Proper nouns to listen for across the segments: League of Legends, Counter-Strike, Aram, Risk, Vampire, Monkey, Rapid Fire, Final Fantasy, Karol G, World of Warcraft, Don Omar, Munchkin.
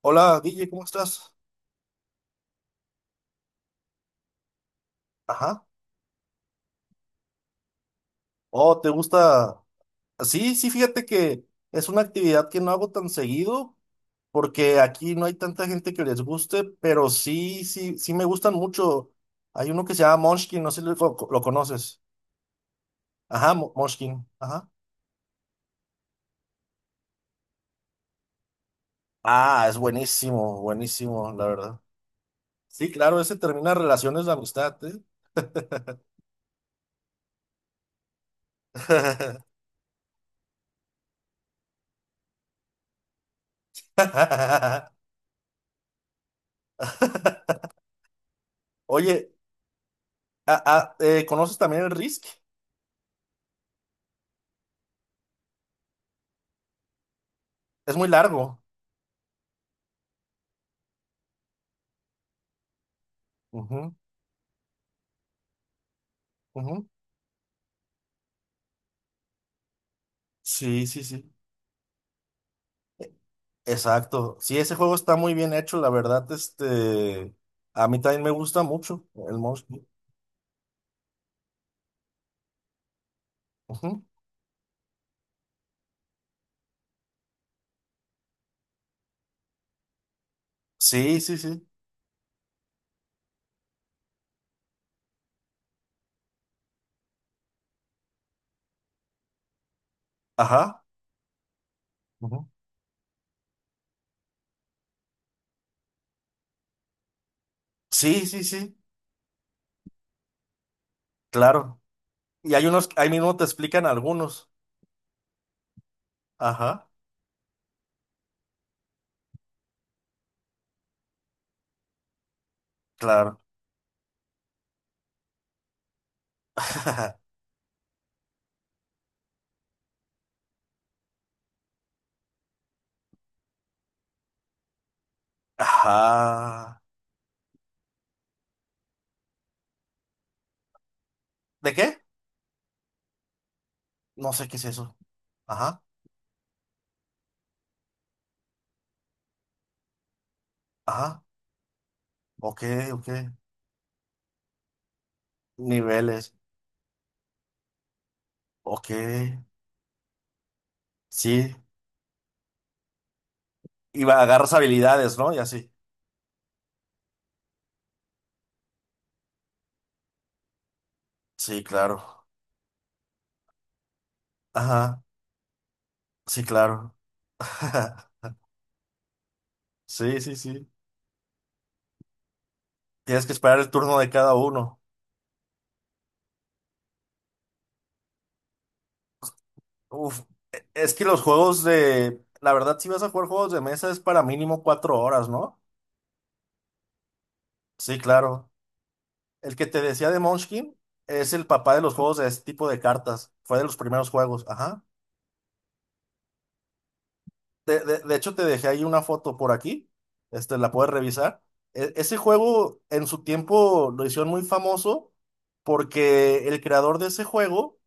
Hola, Guille, ¿cómo estás? Ajá. Oh, ¿te gusta? Sí, sí, fíjate que es una actividad que no hago tan seguido porque aquí no hay tanta gente que les guste, pero sí, sí, sí me gustan mucho. Hay uno que se llama Munchkin, no sé si lo conoces. Ajá, Munchkin. Ajá. Ah, es buenísimo, buenísimo, la verdad. Sí, claro, ese termina relaciones de amistad, ¿eh? Oye, ¿conoces también el Risk? Es muy largo. Ujú, ujú. Sí, sí, sí. Exacto. Sí, ese juego está muy bien hecho, la verdad, a mí también me gusta mucho el Monkey. Ujú. Sí, sí, sí. Ajá. Ujú. Sí, sí, sí. Claro. Y hay unos, ahí mismo te explican algunos. Ajá. Claro. Ajá. ¿De qué? No sé qué es eso. Ajá. Ajá. Ok, ok. Niveles. Ok. Sí. Y agarras habilidades, ¿no? Y así. Sí, claro. Ajá. Sí, claro. Sí, sí, sí. Tienes que esperar el turno de cada uno. Uf, es que los juegos de... La verdad, si vas a jugar juegos de mesa es para mínimo cuatro horas, ¿no? Sí, claro. El que te decía de Munchkin es el papá de los juegos de este tipo de cartas. Fue de los primeros juegos, ajá. De hecho, te dejé ahí una foto por aquí. La puedes revisar. Ese juego en su tiempo lo hicieron muy famoso porque el creador de ese juego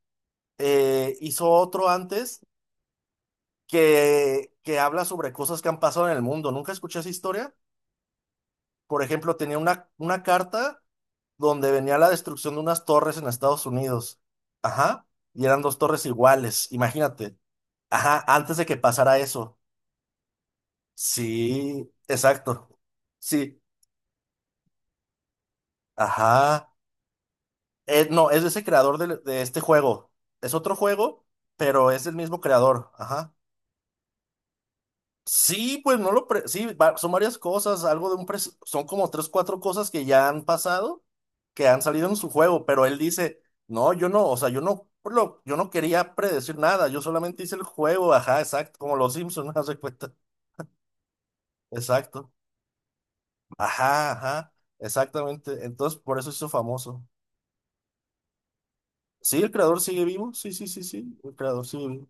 hizo otro antes que habla sobre cosas que han pasado en el mundo. ¿Nunca escuché esa historia? Por ejemplo, tenía una carta donde venía la destrucción de unas torres en Estados Unidos. Ajá. Y eran dos torres iguales, imagínate. Ajá, antes de que pasara eso. Sí, exacto. Sí, ajá. No, es de ese creador de este juego. Es otro juego, pero es el mismo creador. Ajá. Sí, pues no lo... sí, son varias cosas, algo de un... Son como tres, cuatro cosas que ya han pasado, que han salido en su juego, pero él dice, no, yo no, o sea, yo no, yo no quería predecir nada, yo solamente hice el juego, ajá, exacto, como los Simpsons, ¿no se cuenta? Exacto, ajá, ajá, exactamente, entonces por eso hizo famoso. Sí, el creador sigue vivo, sí, sí, sí, sí, el creador sigue vivo.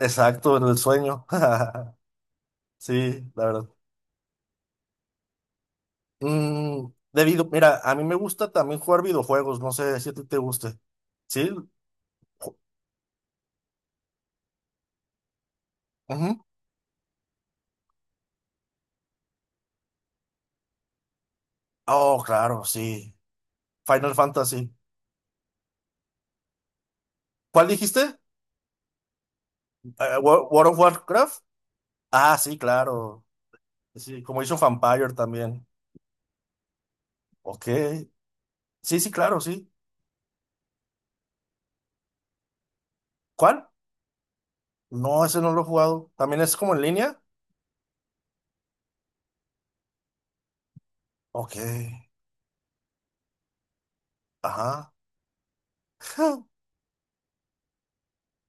Exacto, en el sueño, sí, la verdad. Mira, a mí me gusta también jugar videojuegos, no sé si a ti te guste. ¿Sí? Ju- ujú. Oh, claro, sí. Final Fantasy. ¿Cuál dijiste? World of Warcraft. Ah, sí, claro. Sí, como hizo Vampire también. Ok. Sí, sí, claro, sí. ¿Cuál? No, ese no lo he jugado. ¿También es como en línea? Ok. Ajá.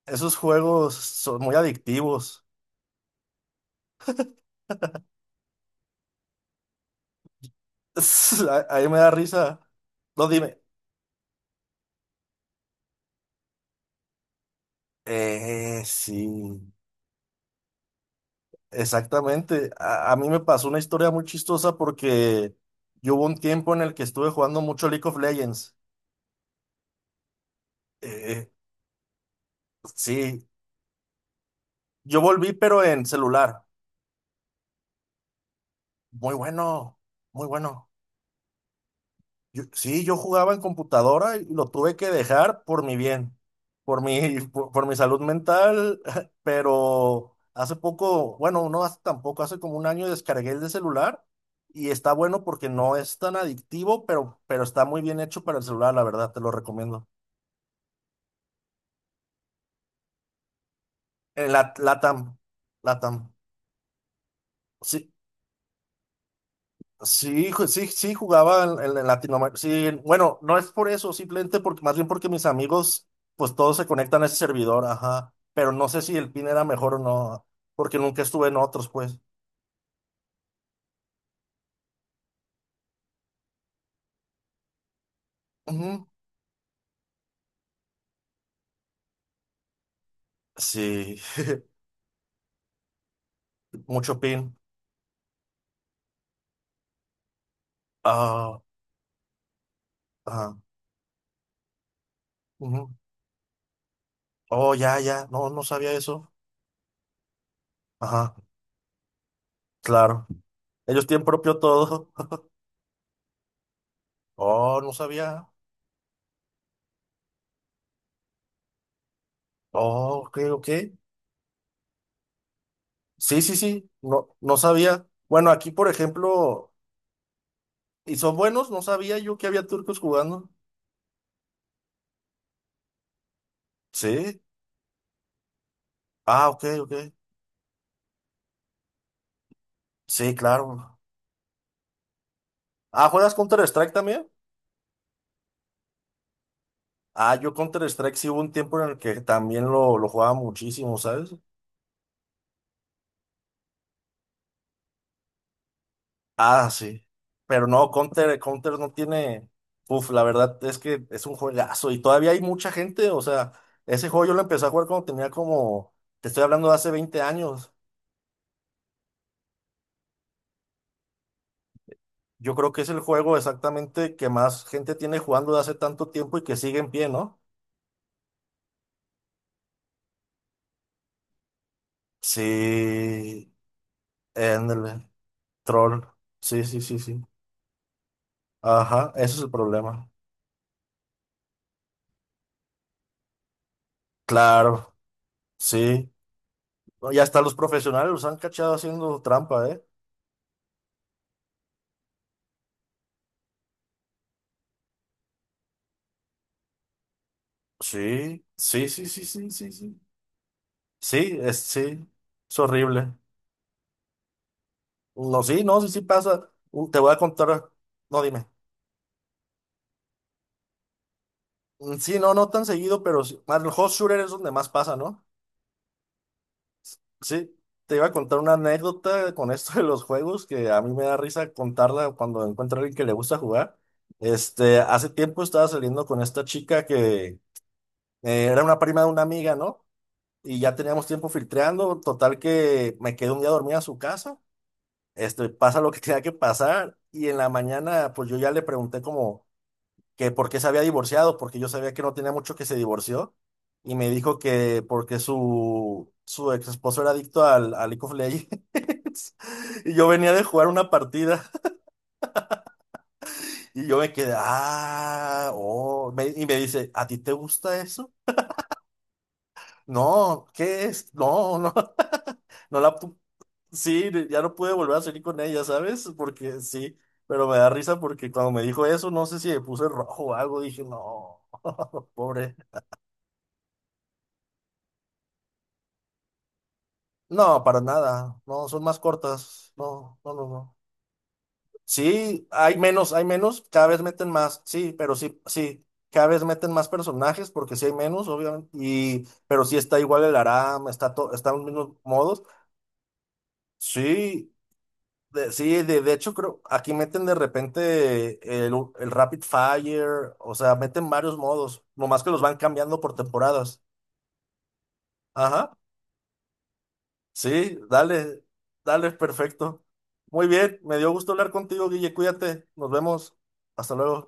Esos juegos son muy adictivos. Ahí me da risa. No, dime. Sí. Exactamente. A mí me pasó una historia muy chistosa porque yo hubo un tiempo en el que estuve jugando mucho League of Legends. Eh, eh, sí, yo volví pero en celular. Muy bueno, muy bueno. Sí, yo jugaba en computadora y lo tuve que dejar por mi bien, por mi salud mental, pero hace poco, bueno, no hace tampoco, hace como un año descargué el de celular y está bueno porque no es tan adictivo, pero está muy bien hecho para el celular, la verdad, te lo recomiendo. En la, Latam, Latam. Sí, sí, sí, sí, jugaba en, en Latinoamérica. Sí, bueno, no es por eso, simplemente porque, más bien porque mis amigos, pues todos se conectan a ese servidor, ajá. Pero no sé si el PIN era mejor o no, porque nunca estuve en otros, pues. Ujú. Sí, mucho PIN. Ah, ajá. Ujú. Oh, ya, ya. No, no sabía eso. Ajá, claro. Ellos tienen propio todo. Oh, no sabía. Oh, ok, ok. Sí, sí, sí. No, no sabía. Bueno, aquí, por ejemplo. ¿Y son buenos? No sabía yo que había turcos jugando. Sí. Ah, ok, ok. Sí, claro. Ah, ¿juegas Counter-Strike también? Ah, yo Counter-Strike sí hubo un tiempo en el que también lo jugaba muchísimo, ¿sabes? Ah, sí. Pero no, Counter no tiene. Uf, la verdad es que es un juegazo y todavía hay mucha gente. O sea, ese juego yo lo empecé a jugar cuando tenía como. Te estoy hablando de hace 20 años. Yo creo que es el juego exactamente que más gente tiene jugando de hace tanto tiempo y que sigue en pie, ¿no? Sí, ándale, troll. Sí, sí, sí, sí. Ajá, ese es el problema. Claro, sí. No, ya hasta los profesionales los han cachado haciendo trampa, ¿eh? Sí, sí, sí, sí, sí, sí, sí. Sí, es horrible. No, sí, no, sí, sí pasa. Te voy a contar. No, dime. Mm, sí, no, no tan seguido, pero sí. Más el hot shooter es donde más pasa, ¿no? Sí, te iba a contar una anécdota con esto de los juegos que a mí me da risa contarla cuando encuentro a alguien que le gusta jugar. Hace tiempo estaba saliendo con esta chica que era una prima de una amiga, ¿no? Y ya teníamos tiempo filtreando, total que me quedé un día dormida a su casa. Pasa lo que tenía que pasar y en la mañana pues yo ya le pregunté como que por qué se había divorciado, porque yo sabía que no tenía mucho que se divorció, y me dijo que porque su ex esposo era adicto al League of Legends, y yo venía de jugar una partida, y yo me quedé, ah, oh, y me dice, ¿a ti te gusta eso? No, ¿qué es? No, no, no la... pu- Sí, ya no pude volver a salir con ella, ¿sabes? Porque sí, pero me da risa porque cuando me dijo eso, no sé si me puse rojo o algo, dije, no, pobre. No, para nada. No, son más cortas. No, no, no, no. Sí, hay menos, cada vez meten más, sí, pero sí, sí, cada vez meten más personajes porque sí hay menos, obviamente, y, pero sí está igual el Aram, está todo, están los mismos modos. Sí, sí, de hecho creo, aquí meten de repente el Rapid Fire, o sea, meten varios modos, nomás que los van cambiando por temporadas. Ajá. Sí, dale, dale, perfecto. Muy bien, me dio gusto hablar contigo, Guille, cuídate, nos vemos, hasta luego.